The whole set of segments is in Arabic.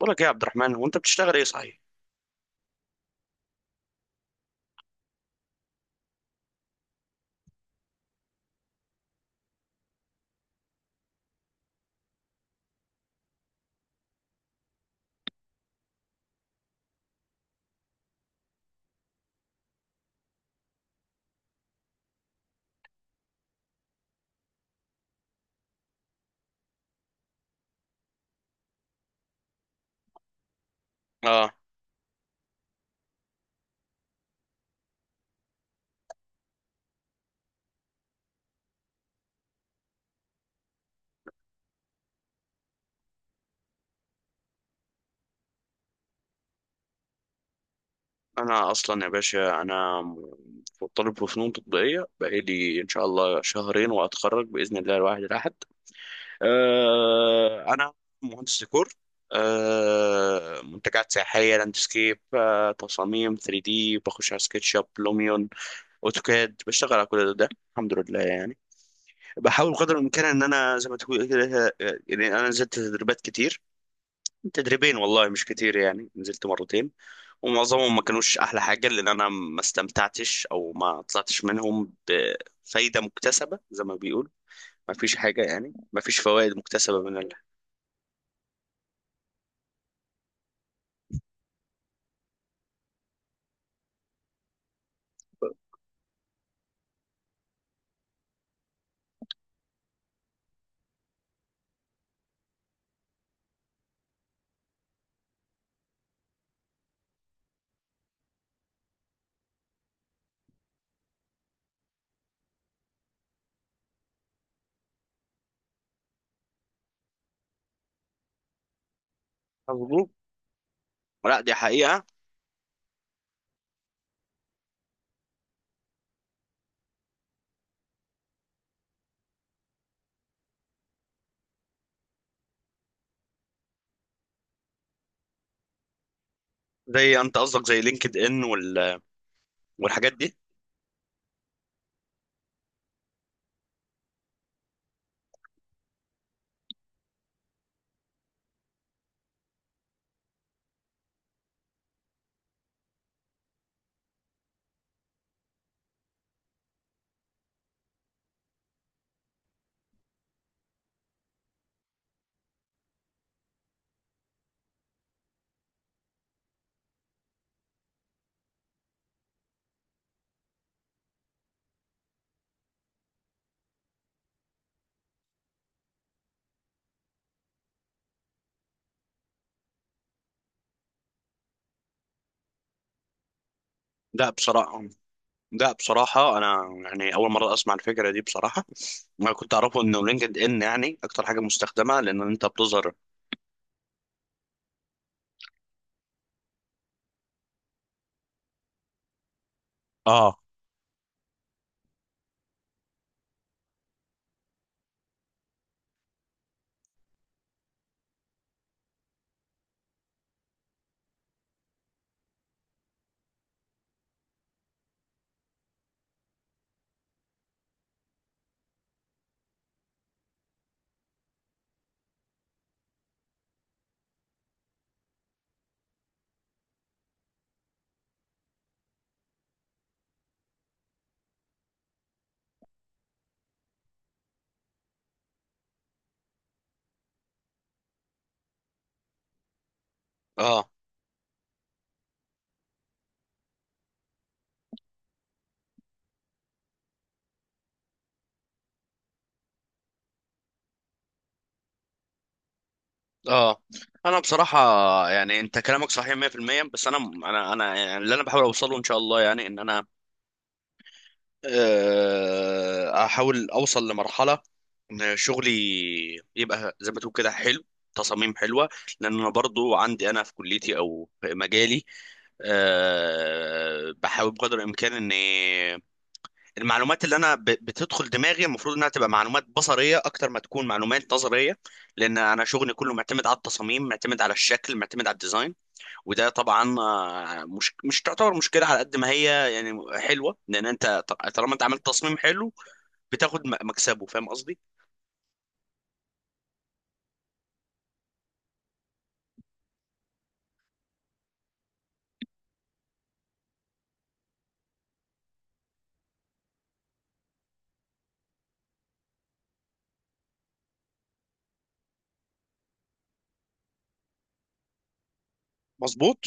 بقول لك إيه يا عبد الرحمن؟ هو انت بتشتغل ايه صحيح؟ اه انا اصلا يا باشا انا طالب في فنون تطبيقيه، بقالي ان شاء الله شهرين واتخرج باذن الله الواحد الاحد. انا مهندس ديكور، منتجات سياحيه، لاندسكيب، تصاميم 3 دي، بخش على سكتش اب، لوميون، اوتوكاد، بشتغل على كل ده الحمد لله يعني. بحاول قدر الامكان ان انا زي ما تقول كده، يعني انا نزلت تدريبات كتير، تدريبين والله مش كتير، يعني نزلت مرتين. ومعظمهم ما كانوش احلى حاجه، لان انا ما استمتعتش او ما طلعتش منهم بفايده مكتسبه زي ما بيقول، ما فيش حاجه، يعني ما فيش فوائد مكتسبه من الحظوظ. لا دي حقيقه. زي انت قصدك زي لينكد ان والحاجات دي؟ لا بصراحه، لا بصراحه انا يعني اول مره اسمع الفكره دي بصراحه، ما كنت اعرفه انه لينكد ان يعني اكتر حاجه مستخدمه لان انت بتظهر. اه. اه. اه. انا بصراحه يعني انت كلامك صحيح 100%، بس انا يعني اللي انا بحاول اوصله ان شاء الله، يعني ان انا احاول اوصل لمرحله ان شغلي يبقى زي ما تقول كده حلو، تصاميم حلوه. لان انا برضو عندي انا في كليتي او في مجالي، بحاول بقدر الامكان اني المعلومات اللي بتدخل دماغي المفروض انها تبقى معلومات بصريه اكتر ما تكون معلومات نظريه، لان انا شغلي كله معتمد على التصاميم، معتمد على الشكل، معتمد على الديزاين. وده طبعا، مش تعتبر مشكله على قد ما هي يعني حلوه، لان انت طالما انت عملت تصميم حلو بتاخد مكسبه، فاهم قصدي؟ مظبوط.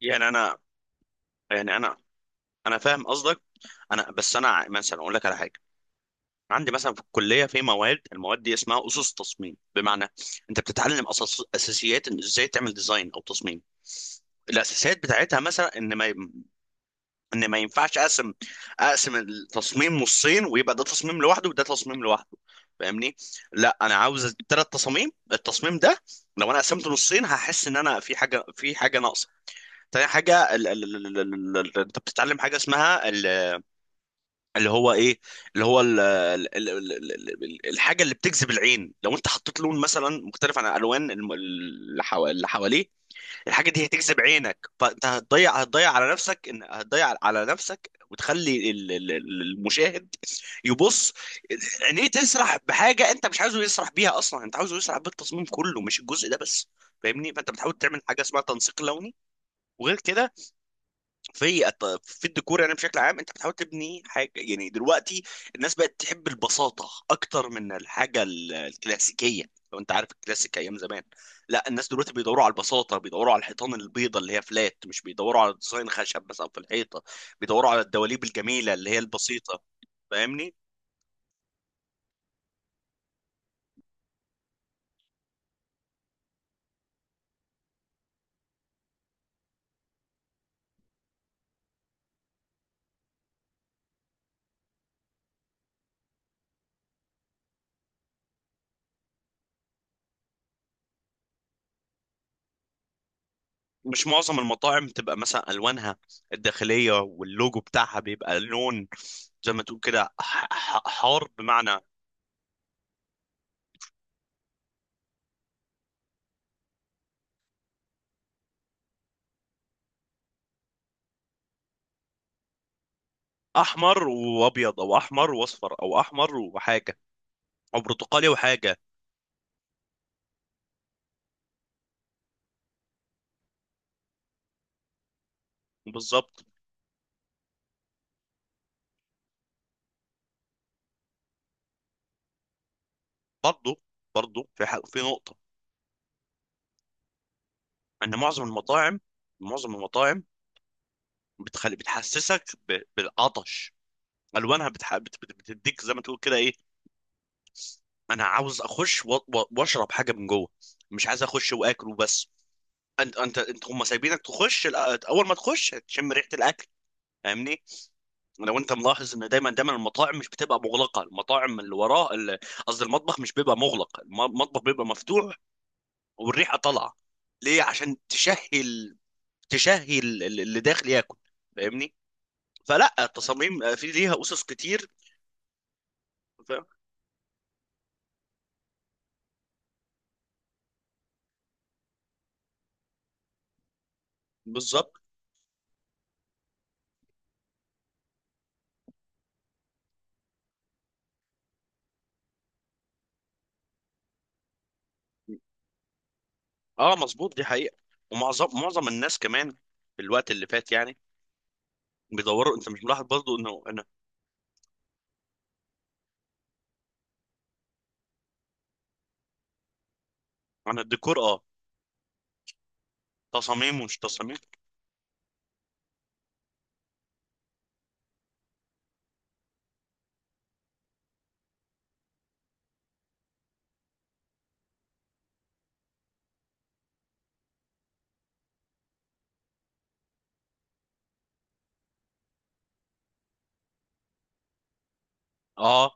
يعني انا يعني انا انا فاهم قصدك، انا بس انا مثلا اقول لك على حاجه. عندي مثلا في الكليه في مواد، المواد دي اسمها اسس تصميم، بمعنى انت بتتعلم أساس، اساسيات ان ازاي تعمل ديزاين او تصميم. الاساسيات بتاعتها مثلا ان ما ينفعش اقسم التصميم نصين ويبقى ده تصميم لوحده وده تصميم لوحده، فاهمني؟ لا انا عاوز اجيب ثلاث تصاميم. التصميم ده لو انا قسمته نصين هحس ان انا في حاجه، في حاجه ناقصه. تاني حاجه ال ال ال ال ال ال انت بتتعلم حاجه اسمها اللي هو ايه، اللي هو ال ال ال ال ال ال الحاجه اللي بتجذب العين. لو انت حطيت لون مثلا مختلف عن الالوان اللي اللي حواليه، الحاجه دي هتجذب عينك، فانت هتضيع على نفسك، ان هتضيع على نفسك، وتخلي المشاهد يبص، عينيه تسرح بحاجه انت مش عايزه يسرح بيها اصلا، انت عاوزه يسرح بالتصميم كله مش الجزء ده بس، فاهمني؟ فانت بتحاول تعمل حاجه اسمها تنسيق لوني. وغير كده في في الديكور يعني بشكل عام، انت بتحاول تبني حاجه، يعني دلوقتي الناس بقت تحب البساطه اكتر من الحاجه الكلاسيكيه، لو انت عارف الكلاسيك ايام زمان. لا الناس دلوقتي بيدوروا على البساطه، بيدوروا على الحيطان البيضه اللي هي فلات، مش بيدوروا على ديزاين خشب بس او في الحيطه، بيدوروا على الدواليب الجميله اللي هي البسيطه، فاهمني؟ مش معظم المطاعم بتبقى مثلا الوانها الداخليه واللوجو بتاعها بيبقى لون زي ما تقول كده حار، بمعنى احمر وابيض، او احمر واصفر، او احمر وحاجه، او برتقالي وحاجه. بالظبط. برضه، برضه في حق في نقطه، ان معظم المطاعم، معظم المطاعم بتخلي، بتحسسك بالعطش. الوانها بتديك زي ما تقول كده ايه، انا عاوز اخش واشرب حاجه من جوه، مش عايز اخش واكل وبس. انت هم سايبينك تخش اول ما تخش تشم ريحه الاكل، فاهمني؟ لو انت ملاحظ ان دايما دايما المطاعم مش بتبقى مغلقه، المطاعم اللي وراه قصدي المطبخ مش بيبقى مغلق، المطبخ بيبقى مفتوح والريحه طالعه، ليه؟ عشان اللي داخل ياكل، فاهمني؟ فلا، التصاميم في ليها اسس كتير. ف- بالظبط. اه مظبوط دي حقيقه. ومعظم، معظم الناس كمان في الوقت اللي فات يعني بيدوروا، انت مش ملاحظ برضو انه انا؟ انا الديكور اه، تصاميم ومش تصاميم. اه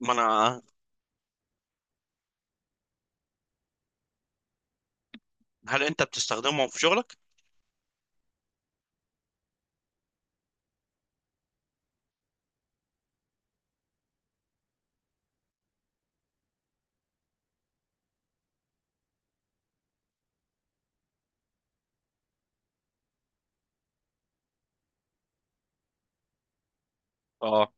ما انا. هل انت بتستخدمهم في شغلك؟ اه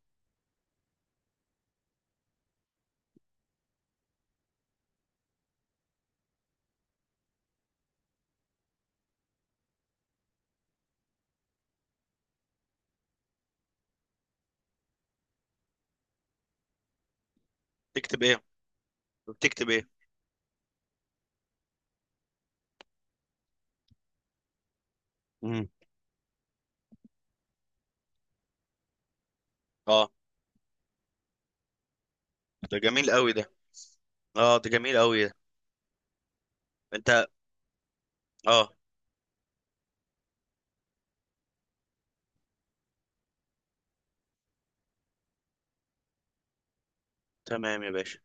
تكتب ايه، بتكتب ايه؟ مم. اه ده جميل قوي ده. اه ده جميل قوي ده. انت، اه تمام يا باشا.